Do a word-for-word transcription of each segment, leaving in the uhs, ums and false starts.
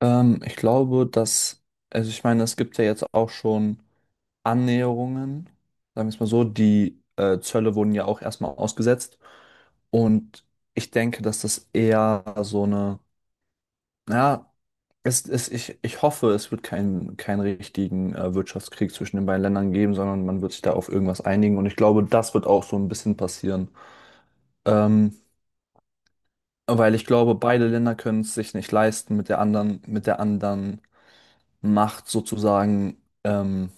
Ähm, ich glaube, dass, also ich meine, es gibt ja jetzt auch schon Annäherungen, sagen wir es mal so, die äh, Zölle wurden ja auch erstmal ausgesetzt. Und ich denke, dass das eher so eine, ja, es, es, ich, ich hoffe, es wird keinen keinen richtigen äh, Wirtschaftskrieg zwischen den beiden Ländern geben, sondern man wird sich da auf irgendwas einigen. Und ich glaube, das wird auch so ein bisschen passieren. Ähm, Weil ich glaube, beide Länder können es sich nicht leisten, mit der anderen, mit der anderen Macht sozusagen ähm,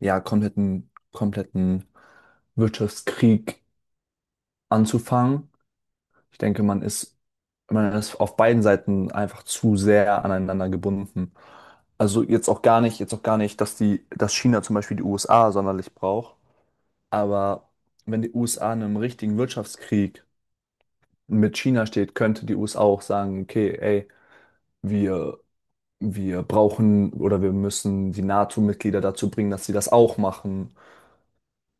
ja kompletten, kompletten Wirtschaftskrieg anzufangen. Ich denke, man ist, man ist auf beiden Seiten einfach zu sehr aneinander gebunden. Also jetzt auch gar nicht, jetzt auch gar nicht, dass die, dass China zum Beispiel die U S A sonderlich braucht. Aber wenn die U S A in einem richtigen Wirtschaftskrieg mit China steht, könnte die U S A auch sagen, okay, ey, wir, wir brauchen oder wir müssen die NATO-Mitglieder dazu bringen, dass sie das auch machen.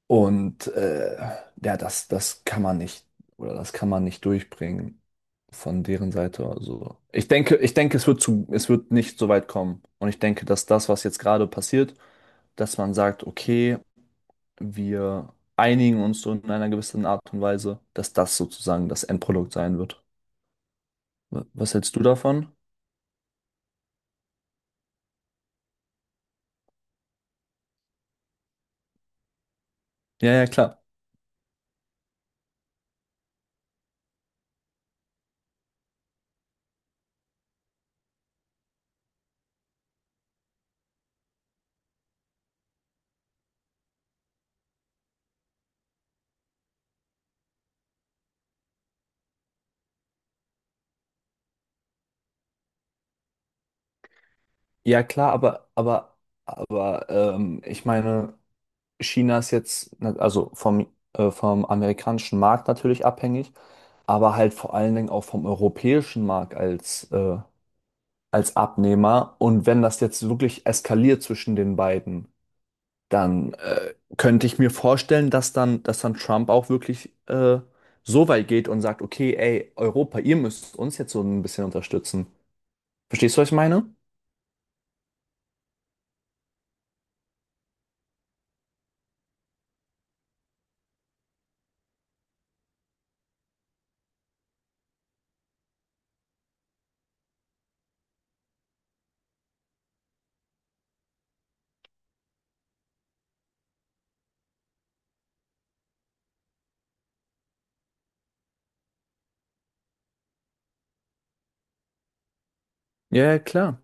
Und äh, ja, das, das kann man nicht, oder das kann man nicht durchbringen von deren Seite. Also ich denke, ich denke, es wird zu, es wird nicht so weit kommen. Und ich denke, dass das, was jetzt gerade passiert, dass man sagt, okay, wir einigen uns so in einer gewissen Art und Weise, dass das sozusagen das Endprodukt sein wird. Wa- Was hältst du davon? Ja, ja, klar. Ja, klar, aber, aber, aber ähm, ich meine. China ist jetzt, ne, also vom, äh, vom amerikanischen Markt natürlich abhängig, aber halt vor allen Dingen auch vom europäischen Markt als, äh, als Abnehmer. Und wenn das jetzt wirklich eskaliert zwischen den beiden, dann äh, könnte ich mir vorstellen, dass dann, dass dann Trump auch wirklich äh, so weit geht und sagt, okay, ey, Europa, ihr müsst uns jetzt so ein bisschen unterstützen. Verstehst du, was ich meine? Ja, ja, klar.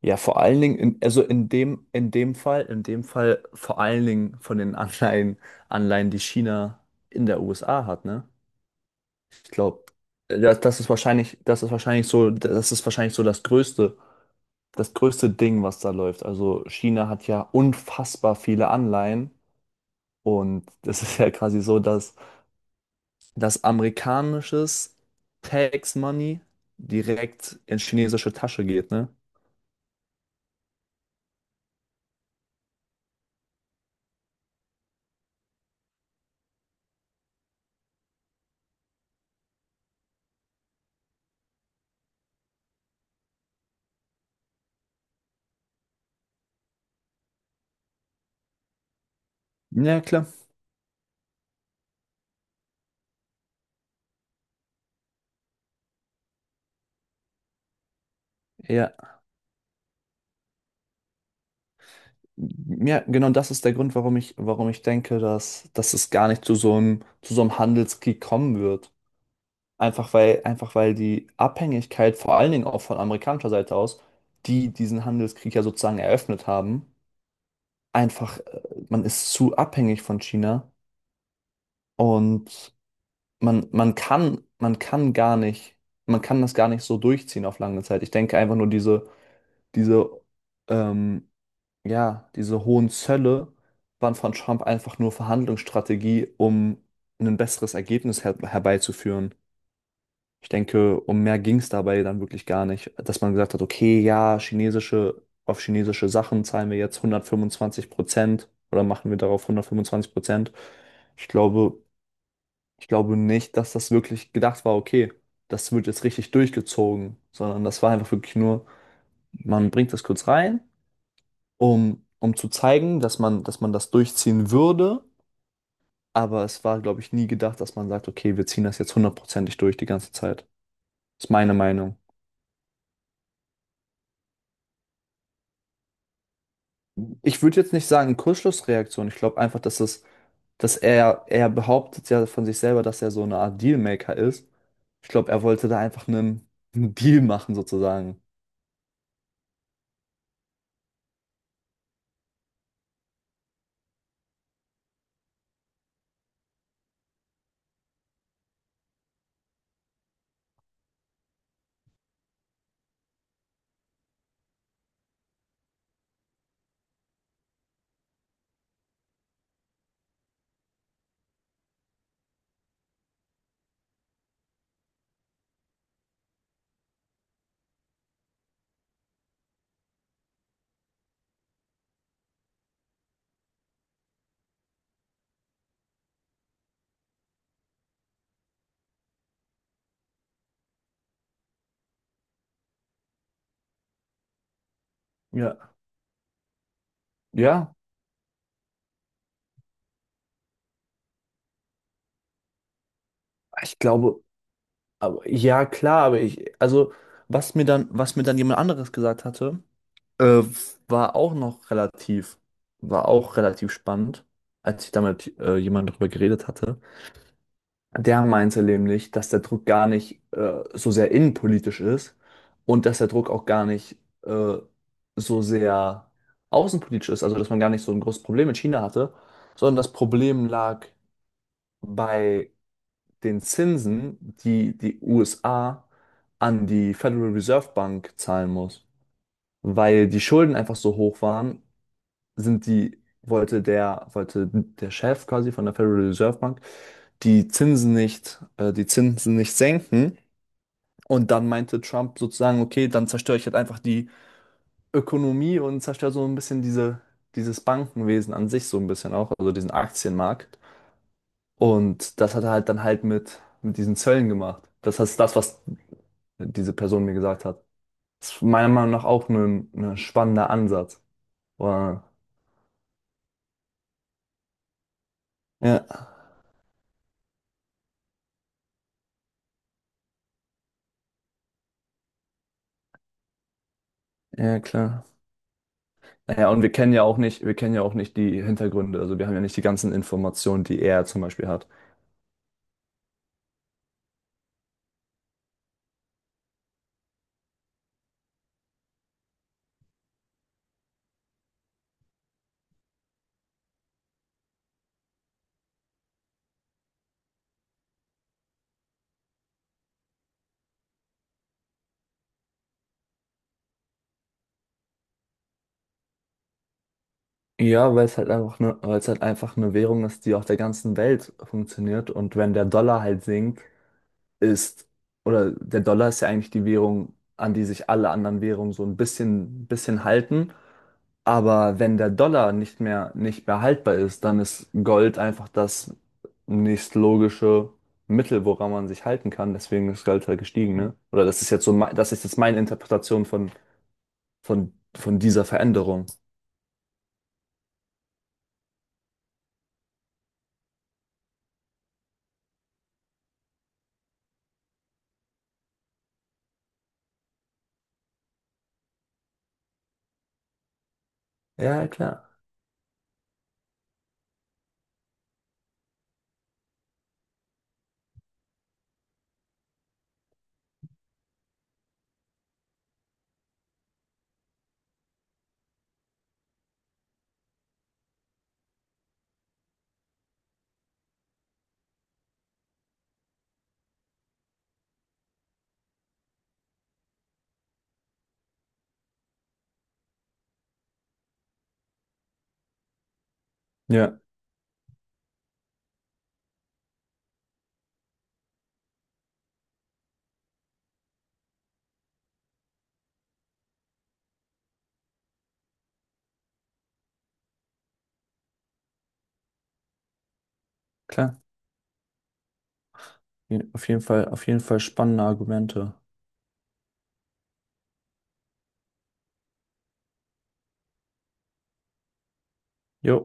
Ja, vor allen Dingen, in, also in dem, in dem Fall, in dem Fall vor allen Dingen von den Anleihen, Anleihen, die China in der U S A hat, ne? Ich glaube, das, das ist wahrscheinlich, das ist wahrscheinlich so, das ist wahrscheinlich so das größte, das größte Ding, was da läuft. Also China hat ja unfassbar viele Anleihen und das ist ja quasi so, dass, dass amerikanisches Tax Money direkt in chinesische Tasche geht, ne? Ja, klar. Ja, ja, genau, das ist der Grund, warum ich, warum ich denke, dass, dass es gar nicht zu so einem, zu so einem Handelskrieg kommen wird. Einfach weil, einfach weil die Abhängigkeit, vor allen Dingen auch von amerikanischer Seite aus, die diesen Handelskrieg ja sozusagen eröffnet haben, einfach, äh, man ist zu abhängig von China und man, man kann, man kann gar nicht, man kann das gar nicht so durchziehen auf lange Zeit. Ich denke einfach nur diese, diese, ähm, ja, diese hohen Zölle waren von Trump einfach nur Verhandlungsstrategie, um ein besseres Ergebnis her herbeizuführen. Ich denke, um mehr ging es dabei dann wirklich gar nicht, dass man gesagt hat, okay, ja, chinesische, auf chinesische Sachen zahlen wir jetzt hundertfünfundzwanzig Prozent oder machen wir darauf hundertfünfundzwanzig Prozent. Ich glaube, ich glaube nicht, dass das wirklich gedacht war, okay, das wird jetzt richtig durchgezogen, sondern das war einfach wirklich nur, man bringt das kurz rein um, um zu zeigen, dass man, dass man das durchziehen würde. Aber es war, glaube ich, nie gedacht, dass man sagt, okay, wir ziehen das jetzt hundertprozentig durch die ganze Zeit. Ist meine Meinung. Ich würde jetzt nicht sagen, Kurzschlussreaktion. Ich glaube einfach, dass es, dass er, er behauptet ja von sich selber, dass er so eine Art Dealmaker ist. Ich glaube, er wollte da einfach einen, einen Deal machen, sozusagen. Ja. Ja, ich glaube, aber ja, klar, aber ich, also, Was mir dann, was mir dann jemand anderes gesagt hatte, Äh, war auch noch relativ, war auch relativ spannend, als ich da mit äh, jemandem drüber geredet hatte. Der meinte nämlich, dass der Druck gar nicht äh, so sehr innenpolitisch ist und dass der Druck auch gar nicht äh, so sehr außenpolitisch ist, also dass man gar nicht so ein großes Problem mit China hatte, sondern das Problem lag bei den Zinsen, die die U S A an die Federal Reserve Bank zahlen muss, weil die Schulden einfach so hoch waren sind die, wollte der, wollte der Chef quasi von der Federal Reserve Bank die Zinsen nicht, äh, die Zinsen nicht senken. Und dann meinte Trump sozusagen, okay, dann zerstöre ich halt einfach die Ökonomie und zerstöre so ein bisschen diese, dieses Bankenwesen an sich so ein bisschen auch, also diesen Aktienmarkt. Und das hat er halt dann halt mit, mit diesen Zöllen gemacht. Das heißt, das, was diese Person mir gesagt hat. Das ist meiner Meinung nach auch ein, ein spannender Ansatz. Wow. Ja, ja, klar. Ja, und wir kennen ja auch nicht, wir kennen ja auch nicht die Hintergründe. Also wir haben ja nicht die ganzen Informationen, die er zum Beispiel hat. Ja, weil es halt einfach eine, weil es halt einfach eine Währung ist, die auf der ganzen Welt funktioniert. Und wenn der Dollar halt sinkt, ist, oder der Dollar ist ja eigentlich die Währung, an die sich alle anderen Währungen so ein bisschen, bisschen halten. Aber wenn der Dollar nicht mehr, nicht mehr haltbar ist, dann ist Gold einfach das nächstlogische Mittel, woran man sich halten kann. Deswegen ist Gold halt gestiegen, ne? Oder das ist jetzt so, mein- das ist jetzt meine Interpretation von, von, von dieser Veränderung. Ja, klar. Ja, klar. Je- Auf jeden Fall, auf jeden Fall spannende Argumente. Jo.